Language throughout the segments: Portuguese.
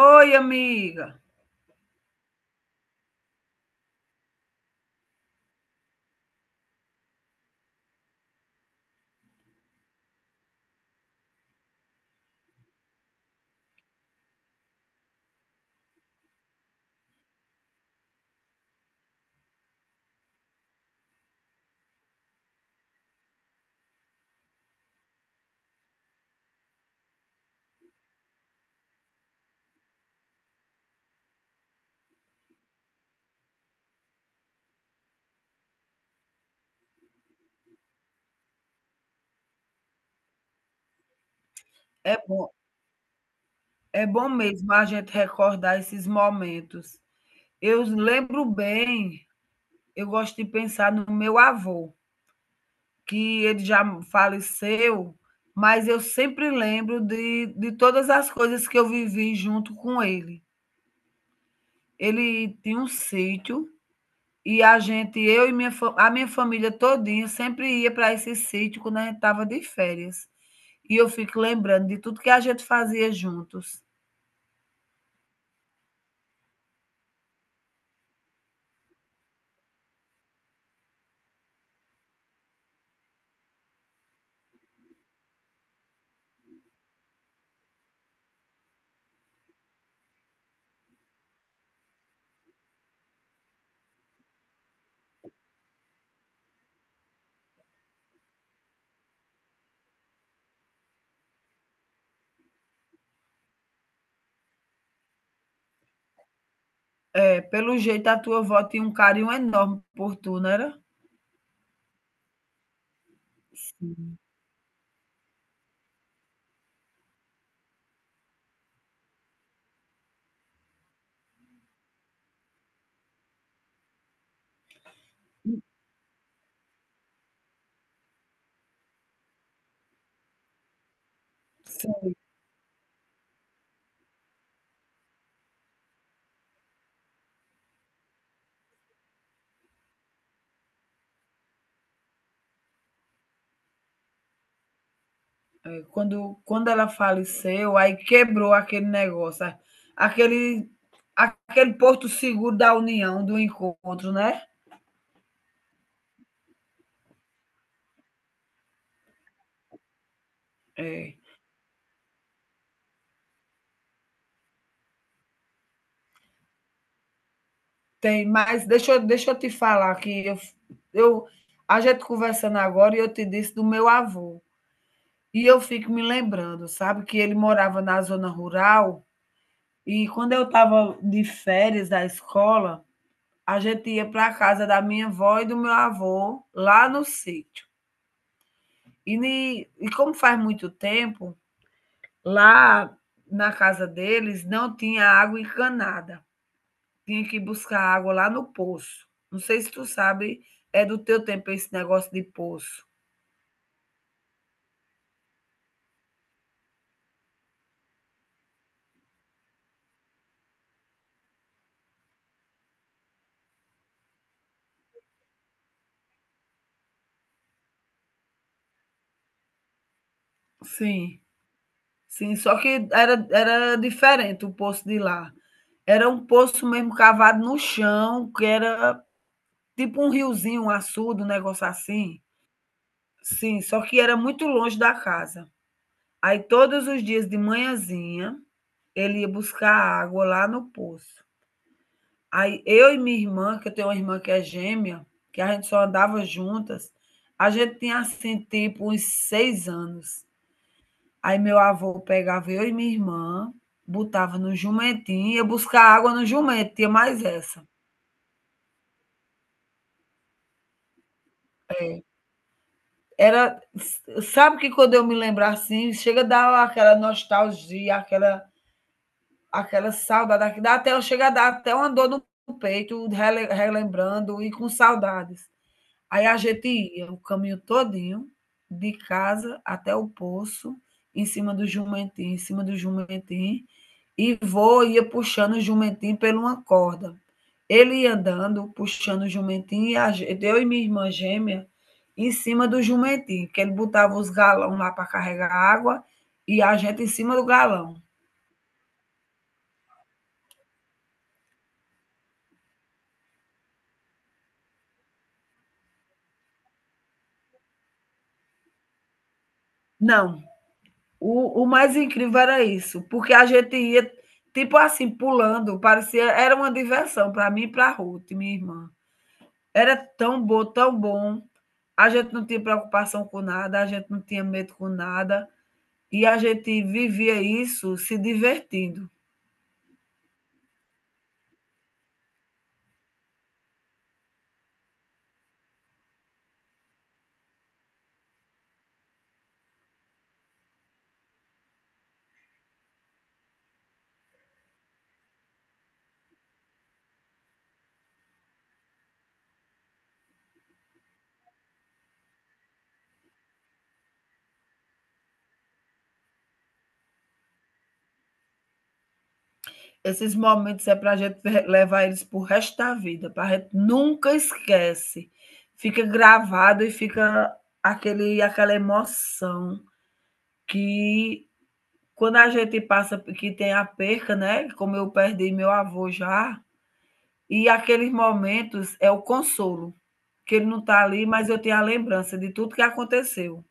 Oi, amiga. É bom, é bom mesmo a gente recordar esses momentos. Eu lembro bem, eu gosto de pensar no meu avô, que ele já faleceu, mas eu sempre lembro de todas as coisas que eu vivi junto com ele. Ele tinha um sítio e a gente, eu e minha, fa- a minha família todinha, sempre ia para esse sítio quando a gente estava de férias. E eu fico lembrando de tudo que a gente fazia juntos. Pelo jeito, a tua avó tinha um carinho enorme por tu, não era? Sim, sim. É, quando ela faleceu, aí quebrou aquele negócio, a aquele aquele porto seguro da união, do encontro, né. É, tem, mas deixa eu te falar que eu a gente conversando agora e eu te disse do meu avô, e eu fico me lembrando, sabe, que ele morava na zona rural, e quando eu estava de férias da escola a gente ia para a casa da minha avó e do meu avô, lá no sítio. E, e como faz muito tempo, lá na casa deles não tinha água encanada. Tinha que buscar água lá no poço. Não sei se tu sabe, é do teu tempo esse negócio de poço. Sim, sim, só que era, era diferente o poço de lá. Era um poço mesmo cavado no chão, que era tipo um riozinho, um açude, um negócio assim. Sim, só que era muito longe da casa. Aí todos os dias de manhãzinha, ele ia buscar água lá no poço. Aí eu e minha irmã, que eu tenho uma irmã que é gêmea, que a gente só andava juntas, a gente tinha assim, tipo, uns 6 anos. Aí meu avô pegava eu e minha irmã, botava no jumentinho, ia buscar água no jumento, tinha mais essa. É. Era, sabe que quando eu me lembro assim, chega a dar aquela nostalgia, aquela saudade, que dá até, eu chego a dar até uma dor no peito, relembrando e com saudades. Aí a gente ia o caminho todinho, de casa até o poço, em cima do jumentinho, em cima do jumentinho, E vô ia puxando o jumentinho por uma corda. Ele ia andando, puxando o jumentinho, e a gente, eu e minha irmã gêmea, em cima do jumentinho, que ele botava os galões lá para carregar água, e a gente em cima do galão. Não. O mais incrível era isso, porque a gente ia, tipo assim, pulando, parecia, era uma diversão para mim e para Ruth, minha irmã. Era tão bom, tão bom. A gente não tinha preocupação com nada, a gente não tinha medo com nada, e a gente vivia isso se divertindo. Esses momentos é para a gente levar eles para o resto da vida, para a gente nunca esquece. Fica gravado e fica aquela emoção que, quando a gente passa, que tem a perca, né? Como eu perdi meu avô já, e aqueles momentos é o consolo, que ele não está ali, mas eu tenho a lembrança de tudo que aconteceu.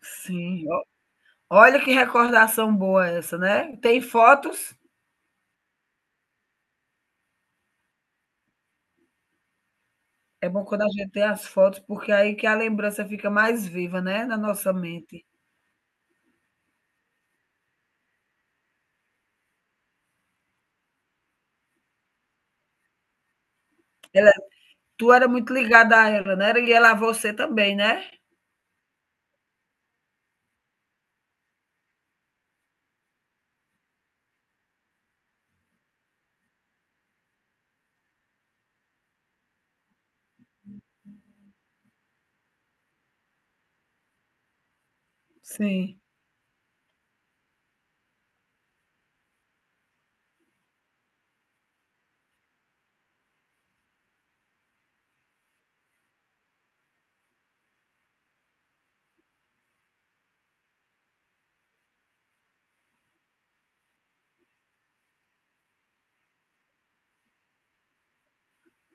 Sim, o olha que recordação boa essa, né? Tem fotos, é bom quando a gente tem as fotos, porque é aí que a lembrança fica mais viva, né, na nossa mente. Ela Tu era muito ligada a ela, né? E ela a você também, né? Sim.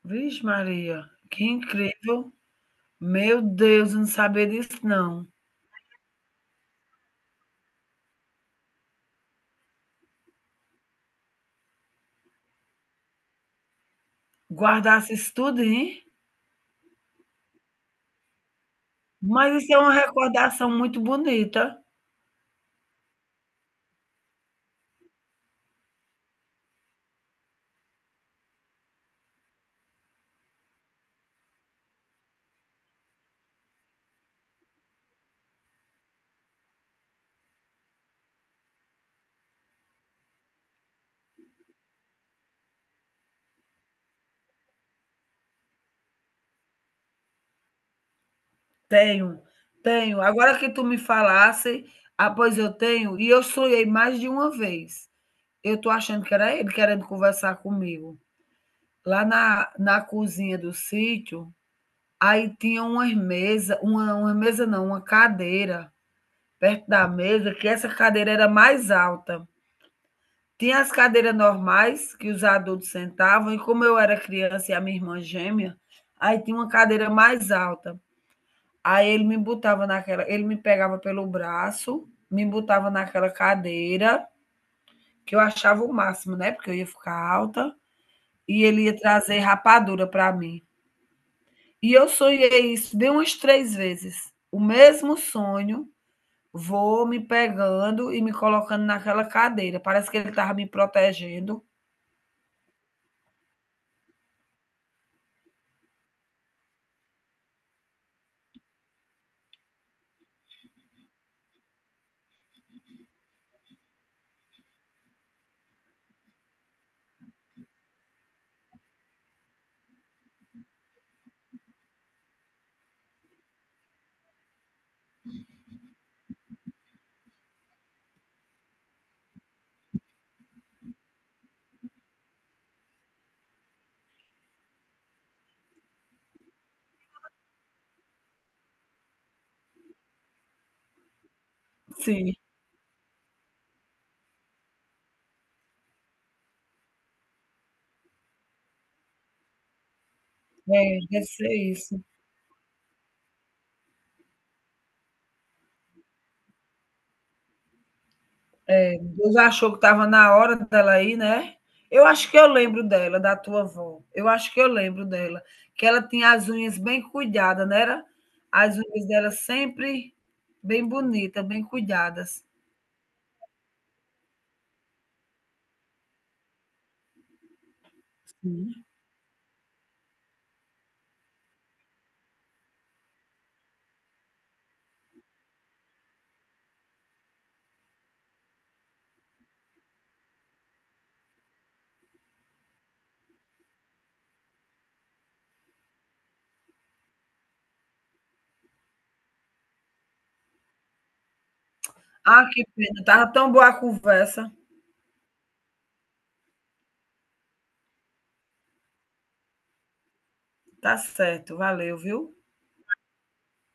Vixe Maria, que incrível. Meu Deus, eu não sabia disso não. Guardasse isso tudo, hein? Mas isso é uma recordação muito bonita. Tenho, tenho. Agora que tu me falasse, ah, pois eu tenho, e eu sonhei mais de uma vez. Eu tô achando que era ele querendo conversar comigo. Lá na cozinha do sítio, aí tinha uma mesa não, uma cadeira perto da mesa, que essa cadeira era mais alta. Tinha as cadeiras normais que os adultos sentavam, e como eu era criança e a minha irmã gêmea, aí tinha uma cadeira mais alta. Aí ele me botava naquela, ele me pegava pelo braço, me botava naquela cadeira, que eu achava o máximo, né? Porque eu ia ficar alta, e ele ia trazer rapadura para mim. E eu sonhei isso de umas 3 vezes. O mesmo sonho, vou me pegando e me colocando naquela cadeira. Parece que ele estava me protegendo. Sim. É, deve ser isso. Deus achou que estava na hora dela ir, né? Eu acho que eu lembro dela, da tua avó. Eu acho que eu lembro dela. Que ela tinha as unhas bem cuidadas, não era? As unhas dela sempre bem bonitas, bem cuidadas. Sim. Ah, que pena. Tava tão boa a conversa. Tá certo, valeu, viu?